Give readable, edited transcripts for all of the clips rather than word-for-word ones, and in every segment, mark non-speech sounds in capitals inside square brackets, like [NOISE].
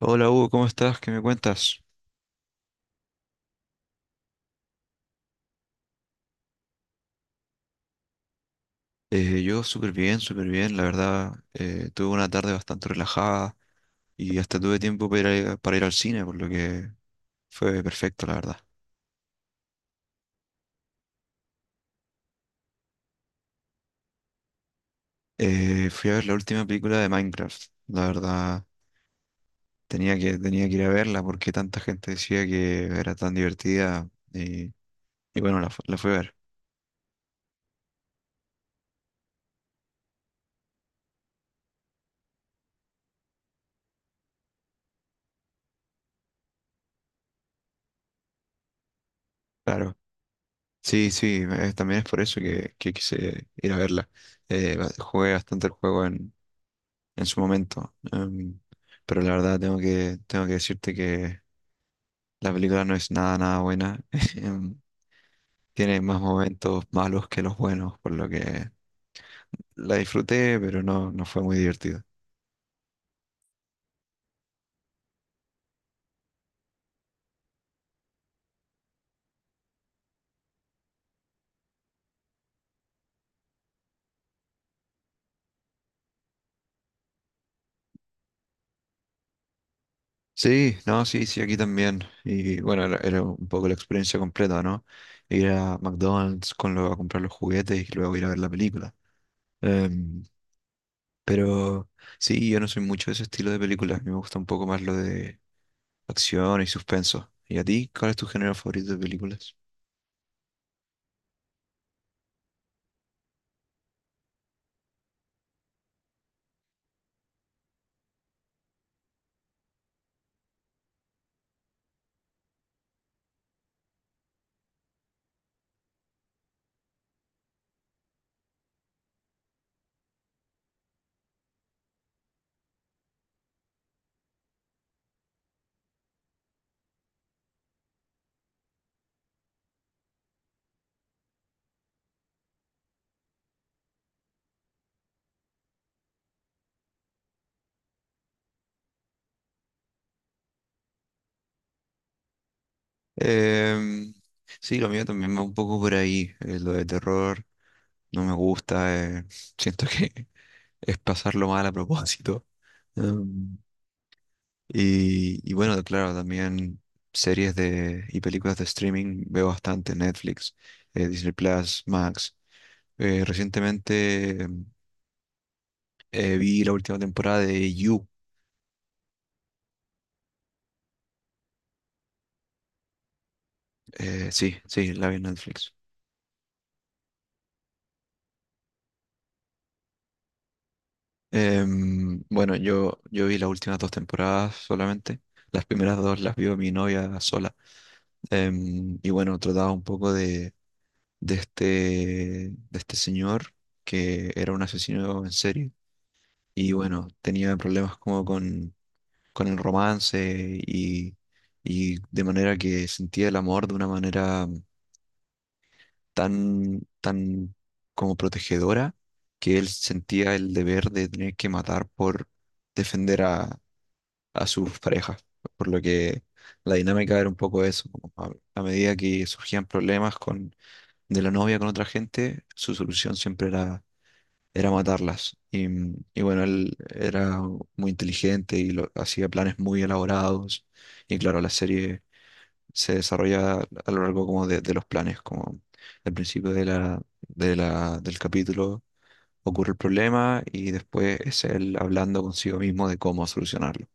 Hola Hugo, ¿cómo estás? ¿Qué me cuentas? Yo súper bien, la verdad. Tuve una tarde bastante relajada y hasta tuve tiempo para para ir al cine, por lo que fue perfecto, la verdad. Fui a ver la última película de Minecraft. La verdad, tenía que ir a verla porque tanta gente decía que era tan divertida y bueno, la fui a ver, claro. Sí, sí, también es por eso que quise ir a verla. Jugué bastante el juego en su momento. Pero la verdad tengo que decirte que la película no es nada, nada buena. [LAUGHS] em, Tiene más momentos malos que los buenos, por lo que la disfruté, pero no, no fue muy divertido. Sí, no, sí, sí, aquí también. Y bueno, era, era un poco la experiencia completa, ¿no? Ir a McDonald's a comprar los juguetes y luego ir a ver la película. Em, pero sí, yo no soy mucho de ese estilo de película. A mí me gusta un poco más lo de acción y suspenso. ¿Y a ti? ¿Cuál es tu género favorito de películas? Em, sí, lo mío también va un poco por ahí. Lo de terror no me gusta. Siento que [LAUGHS] es pasarlo mal a propósito. Em, y, y bueno, claro, también y películas de streaming veo bastante. Netflix, Disney Plus, Max. Recientemente vi la última temporada de You. Sí, sí, la vi en Netflix. Bueno, yo vi las últimas dos temporadas solamente. Las primeras dos las vio mi novia sola. Y bueno, trataba un poco de este, de este señor que era un asesino en serie. Y bueno, tenía problemas con el romance y de manera que sentía el amor de una manera tan, tan como protegedora que él sentía el deber de tener que matar por defender a sus parejas. Por lo que la dinámica era un poco eso. A medida que surgían problemas de la novia con otra gente, su solución siempre era matarlas. Y bueno, él era muy inteligente y hacía planes muy elaborados. Y claro, la serie se desarrolla a lo largo como de los planes, como al principio del capítulo ocurre el problema y después es él hablando consigo mismo de cómo solucionarlo.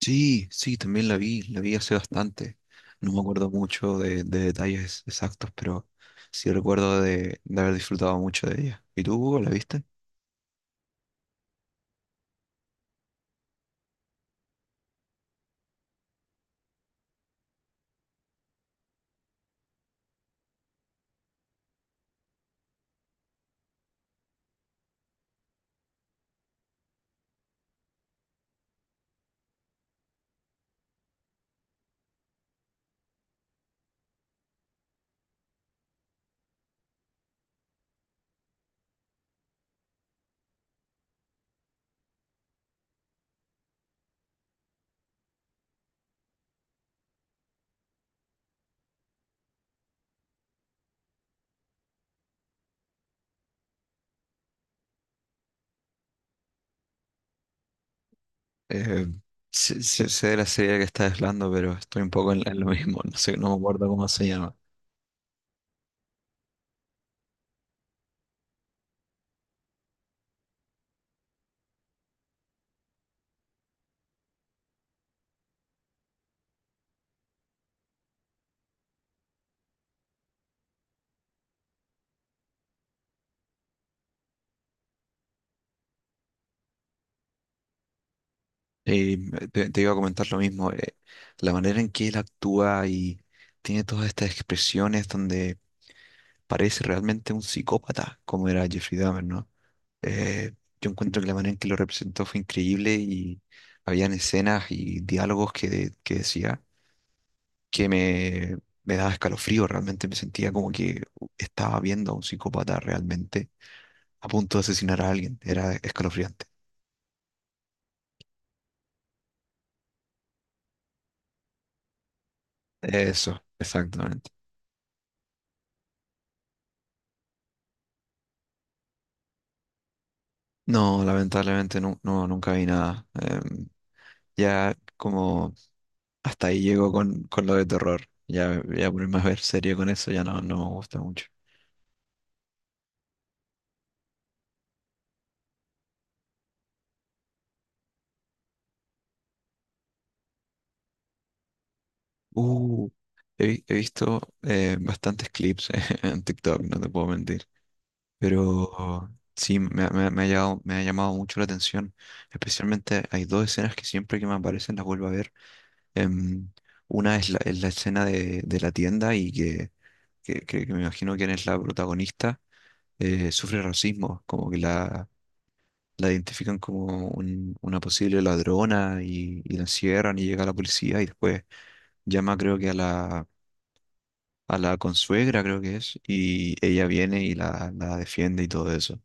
Sí, sí, también la vi hace bastante. No me acuerdo mucho de detalles exactos, pero sí recuerdo de haber disfrutado mucho de ella. ¿Y tú, Hugo, la viste? Eh, Sé de la serie que estás hablando, pero estoy un poco en lo mismo. No sé, no me acuerdo cómo se llama. Eh, Te iba a comentar lo mismo, la manera en que él actúa y tiene todas estas expresiones donde parece realmente un psicópata, como era Jeffrey Dahmer, ¿no? Eh, yo encuentro que la manera en que lo representó fue increíble y habían escenas y diálogos que decía que me daba escalofrío, realmente me sentía como que estaba viendo a un psicópata realmente a punto de asesinar a alguien, era escalofriante. Eso, exactamente. No, lamentablemente no, no, nunca vi nada. Ya como hasta ahí llego con lo de terror. Ya voy a ponerme a ver serio con eso, ya no, no me gusta mucho. Uh, He visto bastantes clips [LAUGHS] en TikTok, no te puedo mentir. Pero sí, me ha llamado mucho la atención. Especialmente hay dos escenas que siempre que me aparecen las vuelvo a ver. Em, una es la escena de la tienda y que me imagino quién es la protagonista sufre racismo, como que la identifican como una posible ladrona y la encierran y llega la policía y después llama creo que a a la consuegra, creo que es, y ella viene y la defiende y todo eso.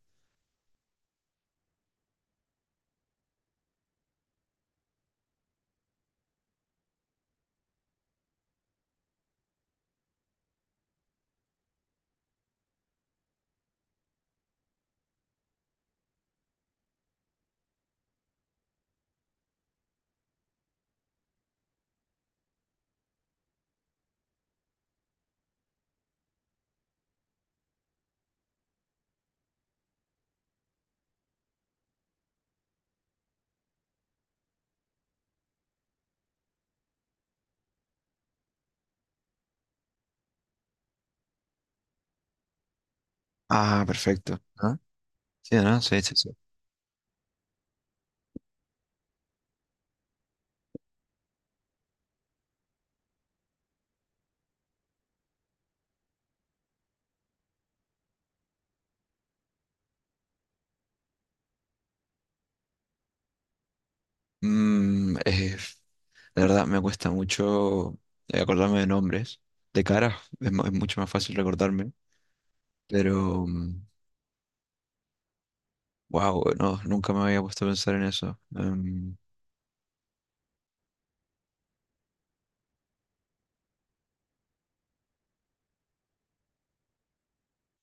Ah, perfecto. Ah, sí, ¿no? Sí, sí, sí. Mm, eh, la verdad me cuesta mucho, acordarme de nombres. De cara es, es mucho más fácil recordarme, pero wow, no, nunca me había puesto a pensar en eso. Em,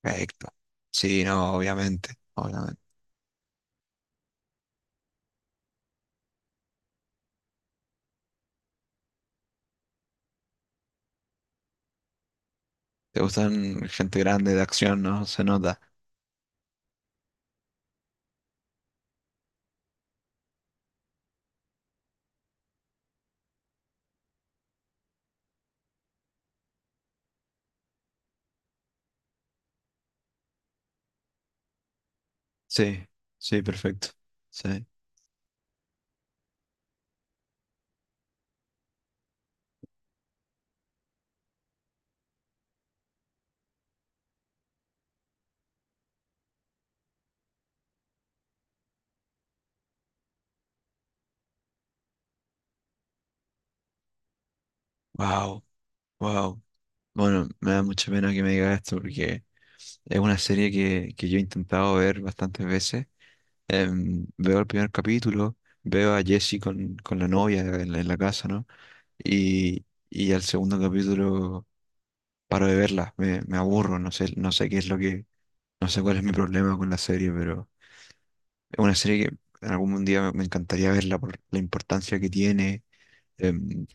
perfecto. Sí, no, obviamente, obviamente. Te gustan gente grande de acción, ¿no? Se nota. Sí, sí, perfecto. Sí. Wow, wow. Bueno, me da mucha pena que me digas esto porque es una serie que yo he intentado ver bastantes veces. Veo el primer capítulo, veo a Jesse con la novia en en la casa, ¿no? Y, y al segundo capítulo paro de verla, me aburro, no sé, no sé qué es lo que, no sé cuál es mi problema con la serie, pero... Es una serie que en algún día me me encantaría verla por la importancia que tiene em,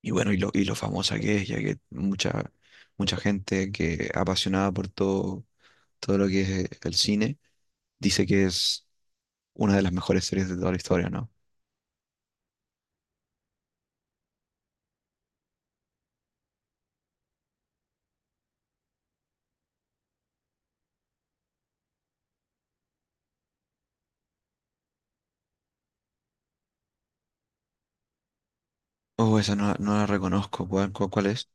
y bueno, y lo famosa que es, ya que mucha, mucha gente que apasionada por todo, todo lo que es el cine dice que es una de las mejores series de toda la historia, ¿no? Oh, esa no, no la reconozco, ¿cuál, cuál es?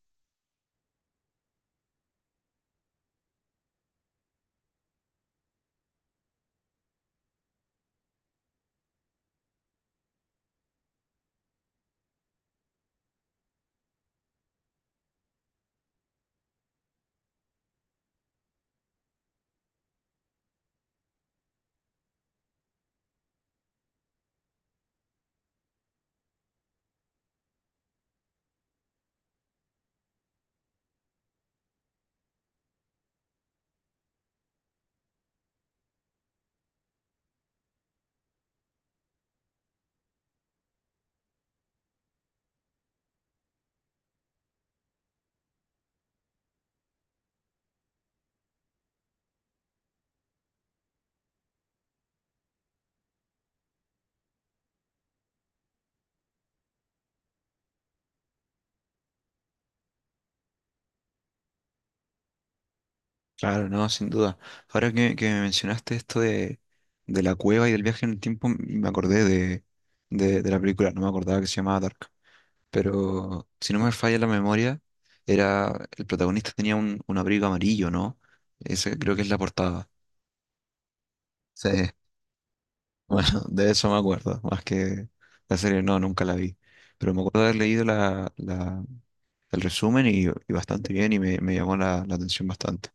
Claro, no, sin duda. Ahora que me mencionaste esto de la cueva y del viaje en el tiempo, me acordé de la película, no me acordaba que se llamaba Dark. Pero si no me falla la memoria, era el protagonista tenía un abrigo amarillo, ¿no? Ese creo que es la portada. Sí, [LAUGHS] bueno, de eso me acuerdo, más que la serie, no, nunca la vi. Pero me acuerdo de haber leído el resumen y bastante bien y me llamó la atención bastante.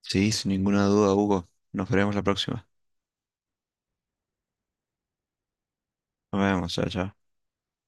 Sí, sin ninguna duda, Hugo. Nos veremos la próxima. Nos vemos, chao, chao.